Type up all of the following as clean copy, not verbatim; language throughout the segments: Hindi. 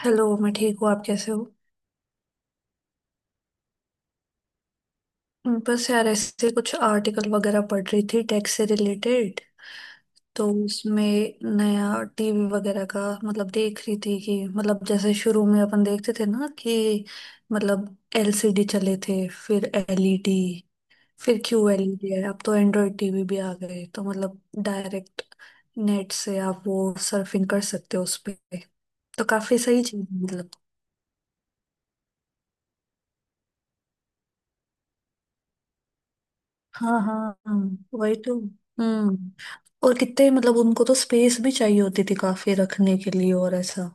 हेलो मैं ठीक हूँ। आप कैसे हो? बस यार ऐसे कुछ आर्टिकल वगैरह पढ़ रही थी टैक्स से रिलेटेड। तो उसमें नया टीवी वगैरह का मतलब देख रही थी कि मतलब जैसे शुरू में अपन देखते थे ना कि मतलब एलसीडी चले थे, फिर एलईडी, फिर क्यू एलईडी है। अब तो एंड्रॉयड टीवी भी आ गए, तो मतलब डायरेक्ट नेट से आप वो सर्फिंग कर सकते हो उस पे। तो काफी सही चीज है, मतलब। हाँ हाँ। हाँ, वही तो। हम्म। और कितने मतलब उनको तो स्पेस भी चाहिए होती थी काफी रखने के लिए और ऐसा।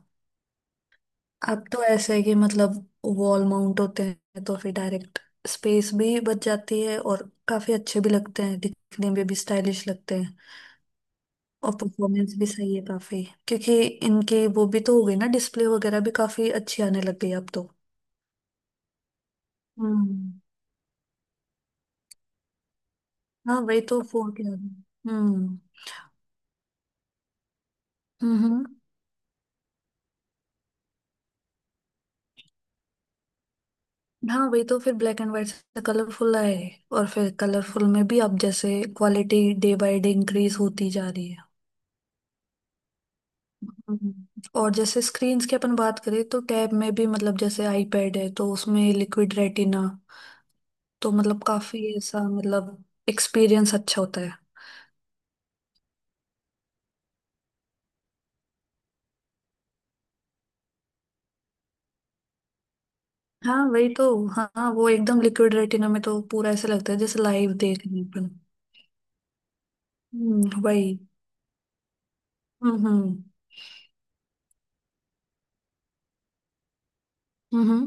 अब तो ऐसा है कि मतलब वॉल माउंट होते हैं, तो फिर डायरेक्ट स्पेस भी बच जाती है, और काफी अच्छे भी लगते हैं, दिखने में भी स्टाइलिश लगते हैं। और परफॉर्मेंस भी सही है काफी, क्योंकि इनकी वो भी तो हो गई ना, डिस्प्ले वगैरह भी काफी अच्छी आने लग गई अब तो। हम्म। हाँ वही तो, फोर के आ गए। हम्म। हम्म। हम्म। हाँ वही तो, फिर ब्लैक एंड व्हाइट से कलरफुल आए, और फिर कलरफुल में भी अब जैसे quality day by day increase होती जा रही है। हम्म। और जैसे स्क्रीन्स की अपन बात करें, तो टैब में भी मतलब जैसे आईपैड है, तो उसमें लिक्विड रेटिना। तो मतलब काफी ऐसा मतलब एक्सपीरियंस अच्छा होता है। हाँ वही तो। हाँ वो एकदम लिक्विड रेटिना में तो पूरा ऐसा लगता है जैसे लाइव देख रहे हैं अपन। वही। हम्म। हम्म। हम्म।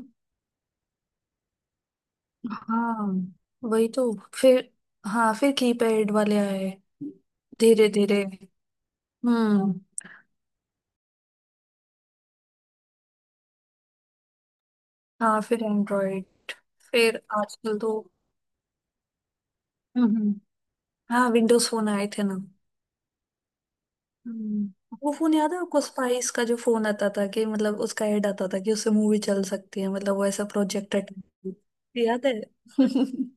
हाँ वही तो, फिर हाँ फिर कीपैड वाले आए, धीरे धीरे। हम्म। हाँ फिर एंड्रॉइड, फिर आजकल तो। हम्म हम्म, हाँ विंडोज फोन आए थे ना। हम्म। वो फोन याद है आपको, स्पाइस का जो फोन आता था? कि मतलब उसका ऐड आता था कि उससे मूवी चल सकती है, मतलब वो ऐसा प्रोजेक्टर। याद है।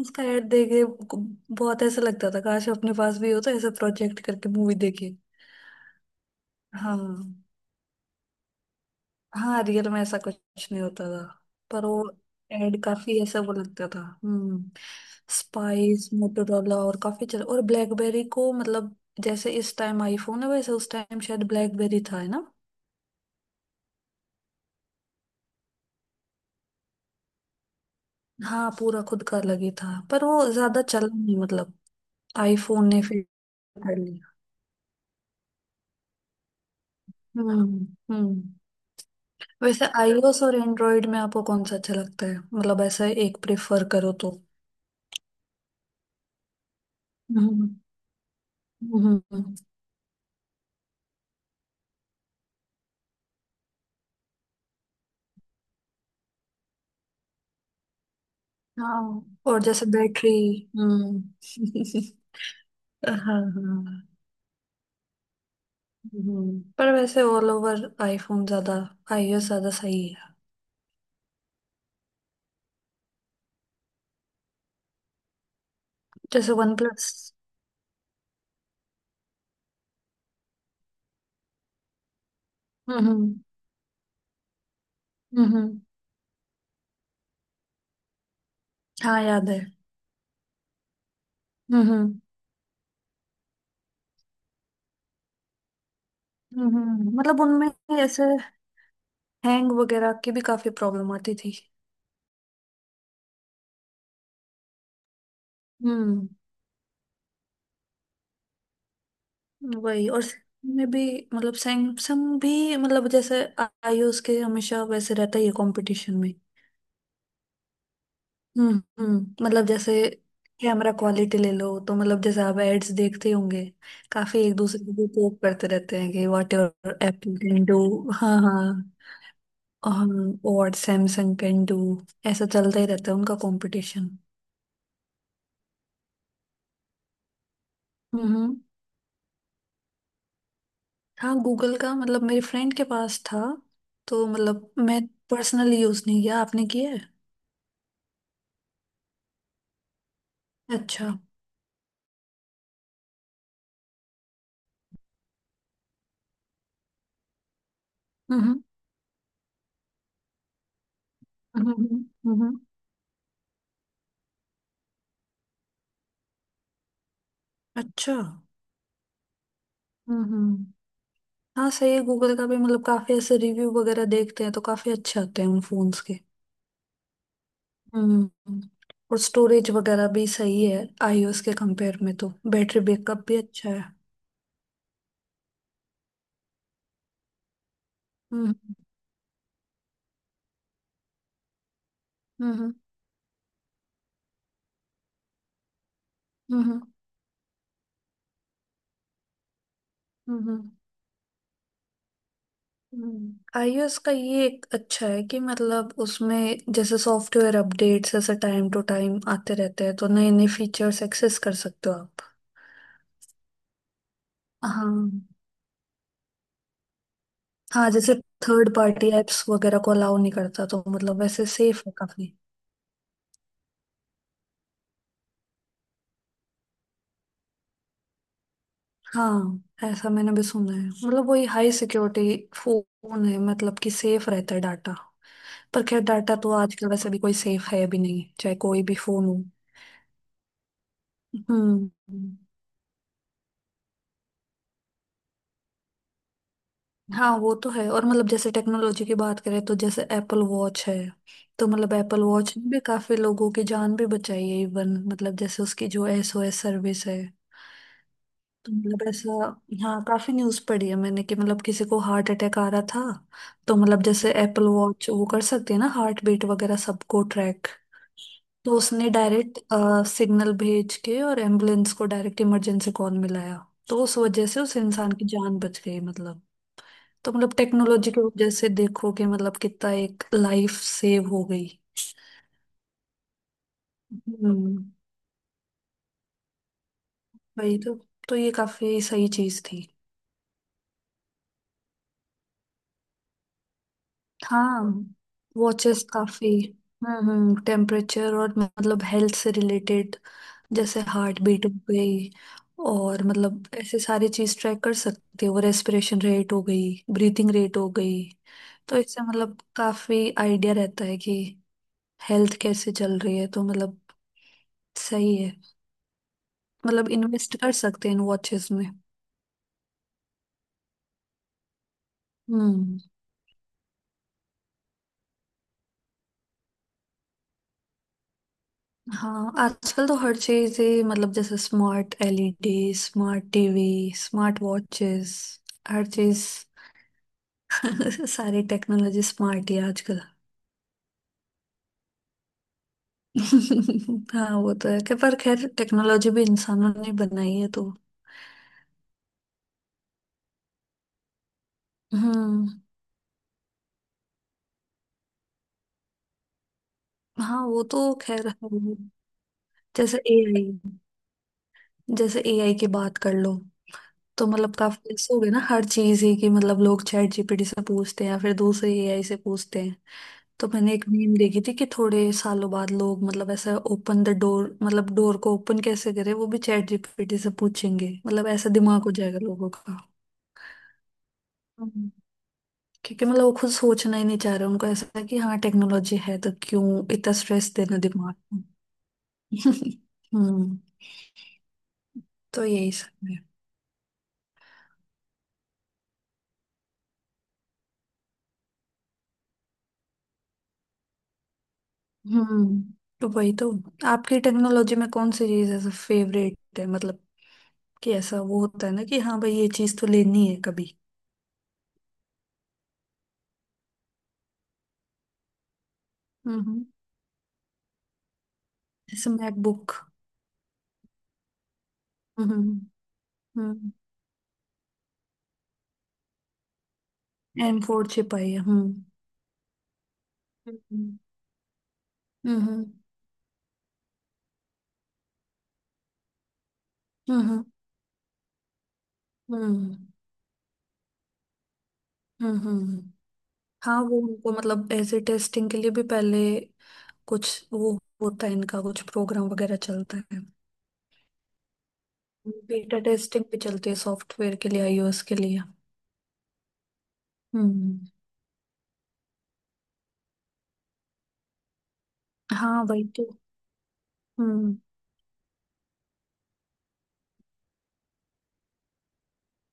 उसका ऐड देख के बहुत ऐसा लगता था, काश अपने पास भी हो तो ऐसा प्रोजेक्ट करके मूवी देखे। हाँ, हाँ रियल में ऐसा कुछ नहीं होता था। पर वो एड काफी ऐसा वो लगता था। हम्म। स्पाइस मोटोरोला और काफी चल और ब्लैकबेरी को मतलब, जैसे इस टाइम आईफोन है, वैसे उस टाइम शायद ब्लैकबेरी था है ना। हाँ पूरा खुद का अलग ही था, पर वो ज्यादा चला नहीं मतलब। आईफोन ने फिर कर लिया। हम्म। हम्म। वैसे आईओएस और एंड्रॉइड में आपको कौन सा अच्छा लगता है? मतलब ऐसा एक प्रेफर करो तो। हम्म। हम्म। हम्म। हाँ और जैसे बैटरी। हम्म। हाँ हाँ। हम्म, पर वैसे ऑल ओवर आईफोन ज्यादा, आईओएस ज्यादा सही है। जैसे वन प्लस। हम्म। हम्म। हाँ याद है। हम्म। हम्म। मतलब उनमें ऐसे हैंग वगैरह की भी काफी प्रॉब्लम आती थी। हम्म। वही। और Samsung में भी, मतलब सैमसंग भी मतलब जैसे आईओएस के हमेशा वैसे रहता ही है कंपटीशन में। हम्म। मतलब जैसे कैमरा क्वालिटी ले लो, तो मतलब जैसे आप एड्स देखते होंगे, काफी एक दूसरे को पोक करते रहते हैं कि whatever Apple can do. हाँ हाँ। और सैमसंग कैन डू। ऐसा चलता ही रहता है उनका कंपटीशन। हम्म हम्म। हाँ गूगल का मतलब मेरे फ्रेंड के पास था। तो मतलब मैं पर्सनली यूज नहीं किया, आपने किया है? अच्छा। हम्म। हम्म। हम्म। हम्म। अच्छा। हम्म। हम्म। हाँ सही है, गूगल का भी मतलब काफी ऐसे रिव्यू वगैरह देखते हैं, तो काफी अच्छे आते हैं उन फोन्स के। हम्म। और स्टोरेज वगैरह भी सही है आईओएस के कंपेयर में, तो बैटरी बैकअप भी अच्छा है। हम्म। हम्म। हम्म। हम्म। हम्म। आईओएस का ये एक अच्छा है कि मतलब उसमें जैसे सॉफ्टवेयर अपडेट्स ऐसे टाइम टू टाइम आते रहते हैं, तो नए नए फीचर्स एक्सेस कर सकते हो आप। हाँ। हाँ जैसे थर्ड पार्टी एप्स वगैरह को अलाउ नहीं करता, तो मतलब वैसे सेफ है काफी। हाँ ऐसा मैंने भी सुना है, मतलब वही हाई सिक्योरिटी फोन है, मतलब कि सेफ रहता है डाटा। पर खैर डाटा तो आजकल वैसे भी कोई सेफ है भी नहीं, चाहे कोई भी फोन हो। हम्म। हाँ वो तो है। और मतलब जैसे टेक्नोलॉजी की बात करें, तो जैसे एप्पल वॉच है, तो मतलब एप्पल वॉच ने भी काफी लोगों की जान भी बचाई है इवन, मतलब जैसे उसकी जो एसओएस सर्विस है। तो मतलब ऐसा, हाँ काफी न्यूज पढ़ी है मैंने कि मतलब किसी को हार्ट अटैक आ रहा था, तो मतलब जैसे एप्पल वॉच वो कर सकती है ना हार्ट बीट वगैरह सबको ट्रैक। तो उसने डायरेक्ट सिग्नल भेज के, और एम्बुलेंस को डायरेक्ट इमरजेंसी कॉल मिलाया। तो उस वजह से उस इंसान की जान बच गई मतलब। तो मतलब टेक्नोलॉजी की वजह से देखो कि मतलब कितना एक लाइफ सेव हो गई। हम्म वही तो। तो ये काफी सही चीज थी। हाँ वॉचेस काफी। हम्म। टेम्परेचर और मतलब हेल्थ से रिलेटेड, जैसे हार्ट बीट हो गई। और मतलब ऐसे सारी चीज ट्रैक कर सकते हो, रेस्पिरेशन रेट हो गई, ब्रीथिंग रेट हो गई। तो इससे मतलब काफी आइडिया रहता है कि हेल्थ कैसे चल रही है, तो मतलब सही है। मतलब इन्वेस्ट कर सकते हैं इन वॉचेस में। हम्म। हाँ आजकल तो हर चीज ही मतलब जैसे smart LED, smart TV, smart watches, हर चीज। सारी टेक्नोलॉजी स्मार्ट ही है आजकल। हाँ वो तो है, कि पर खैर टेक्नोलॉजी भी इंसानों ने बनाई है तो। हम्म। हाँ वो तो खैर है ही। जैसे एआई, जैसे एआई की बात कर लो, तो मतलब काफी ऐसे हो गए ना हर चीज ही, कि मतलब लोग चैट जीपीटी से पूछते हैं या फिर दूसरे एआई से पूछते हैं। तो मैंने एक मीम देखी थी कि थोड़े सालों बाद लोग मतलब ऐसा ओपन द डोर, मतलब डोर को ओपन कैसे करें वो भी चैट जीपीटी से पूछेंगे, मतलब ऐसा दिमाग हो जाएगा लोगों का। हम्म। क्योंकि मतलब वो खुद सोचना ही नहीं चाह रहे, उनको ऐसा है कि हाँ टेक्नोलॉजी है तो क्यों इतना स्ट्रेस देना दिमाग को। हम्म। तो यही सब है। हम्म। तो वही तो, आपकी टेक्नोलॉजी में कौन सी चीज ऐसा फेवरेट है? मतलब कि ऐसा वो होता है ना कि हाँ भाई ये चीज तो लेनी है कभी। हम्म। हम्म। जैसे मैकबुक। हम्म। हम्म। एम फोर छिपाई है। हम्म। हम्म। हम्म। हम्म। हम्म। हम्म। हम्म, हम्म। हम्म। हाँ वो उनको मतलब ऐसे टेस्टिंग के लिए भी पहले कुछ वो होता है, इनका कुछ प्रोग्राम वगैरह चलता है। बीटा टेस्टिंग भी चलती है सॉफ्टवेयर के लिए, आईओएस के लिए। हम्म। हाँ वही तो। हम्म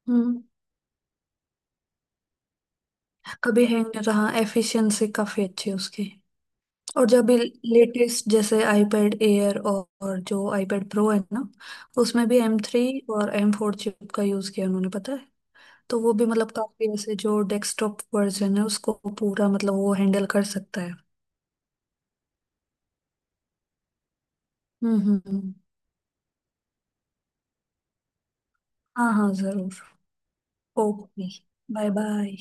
हम्म। कभी हैंग नहीं रहा, एफिशिएंसी काफी अच्छी है उसकी। और जब लेटेस्ट जैसे iPad एयर और जो iPad प्रो है ना, उसमें भी एम थ्री और एम फोर चिप का यूज किया उन्होंने पता है। तो वो भी मतलब काफी ऐसे जो डेस्कटॉप वर्जन है उसको पूरा मतलब वो हैंडल कर सकता है। हम्म। हम्म। हाँ हाँ जरूर। Okay, bye bye.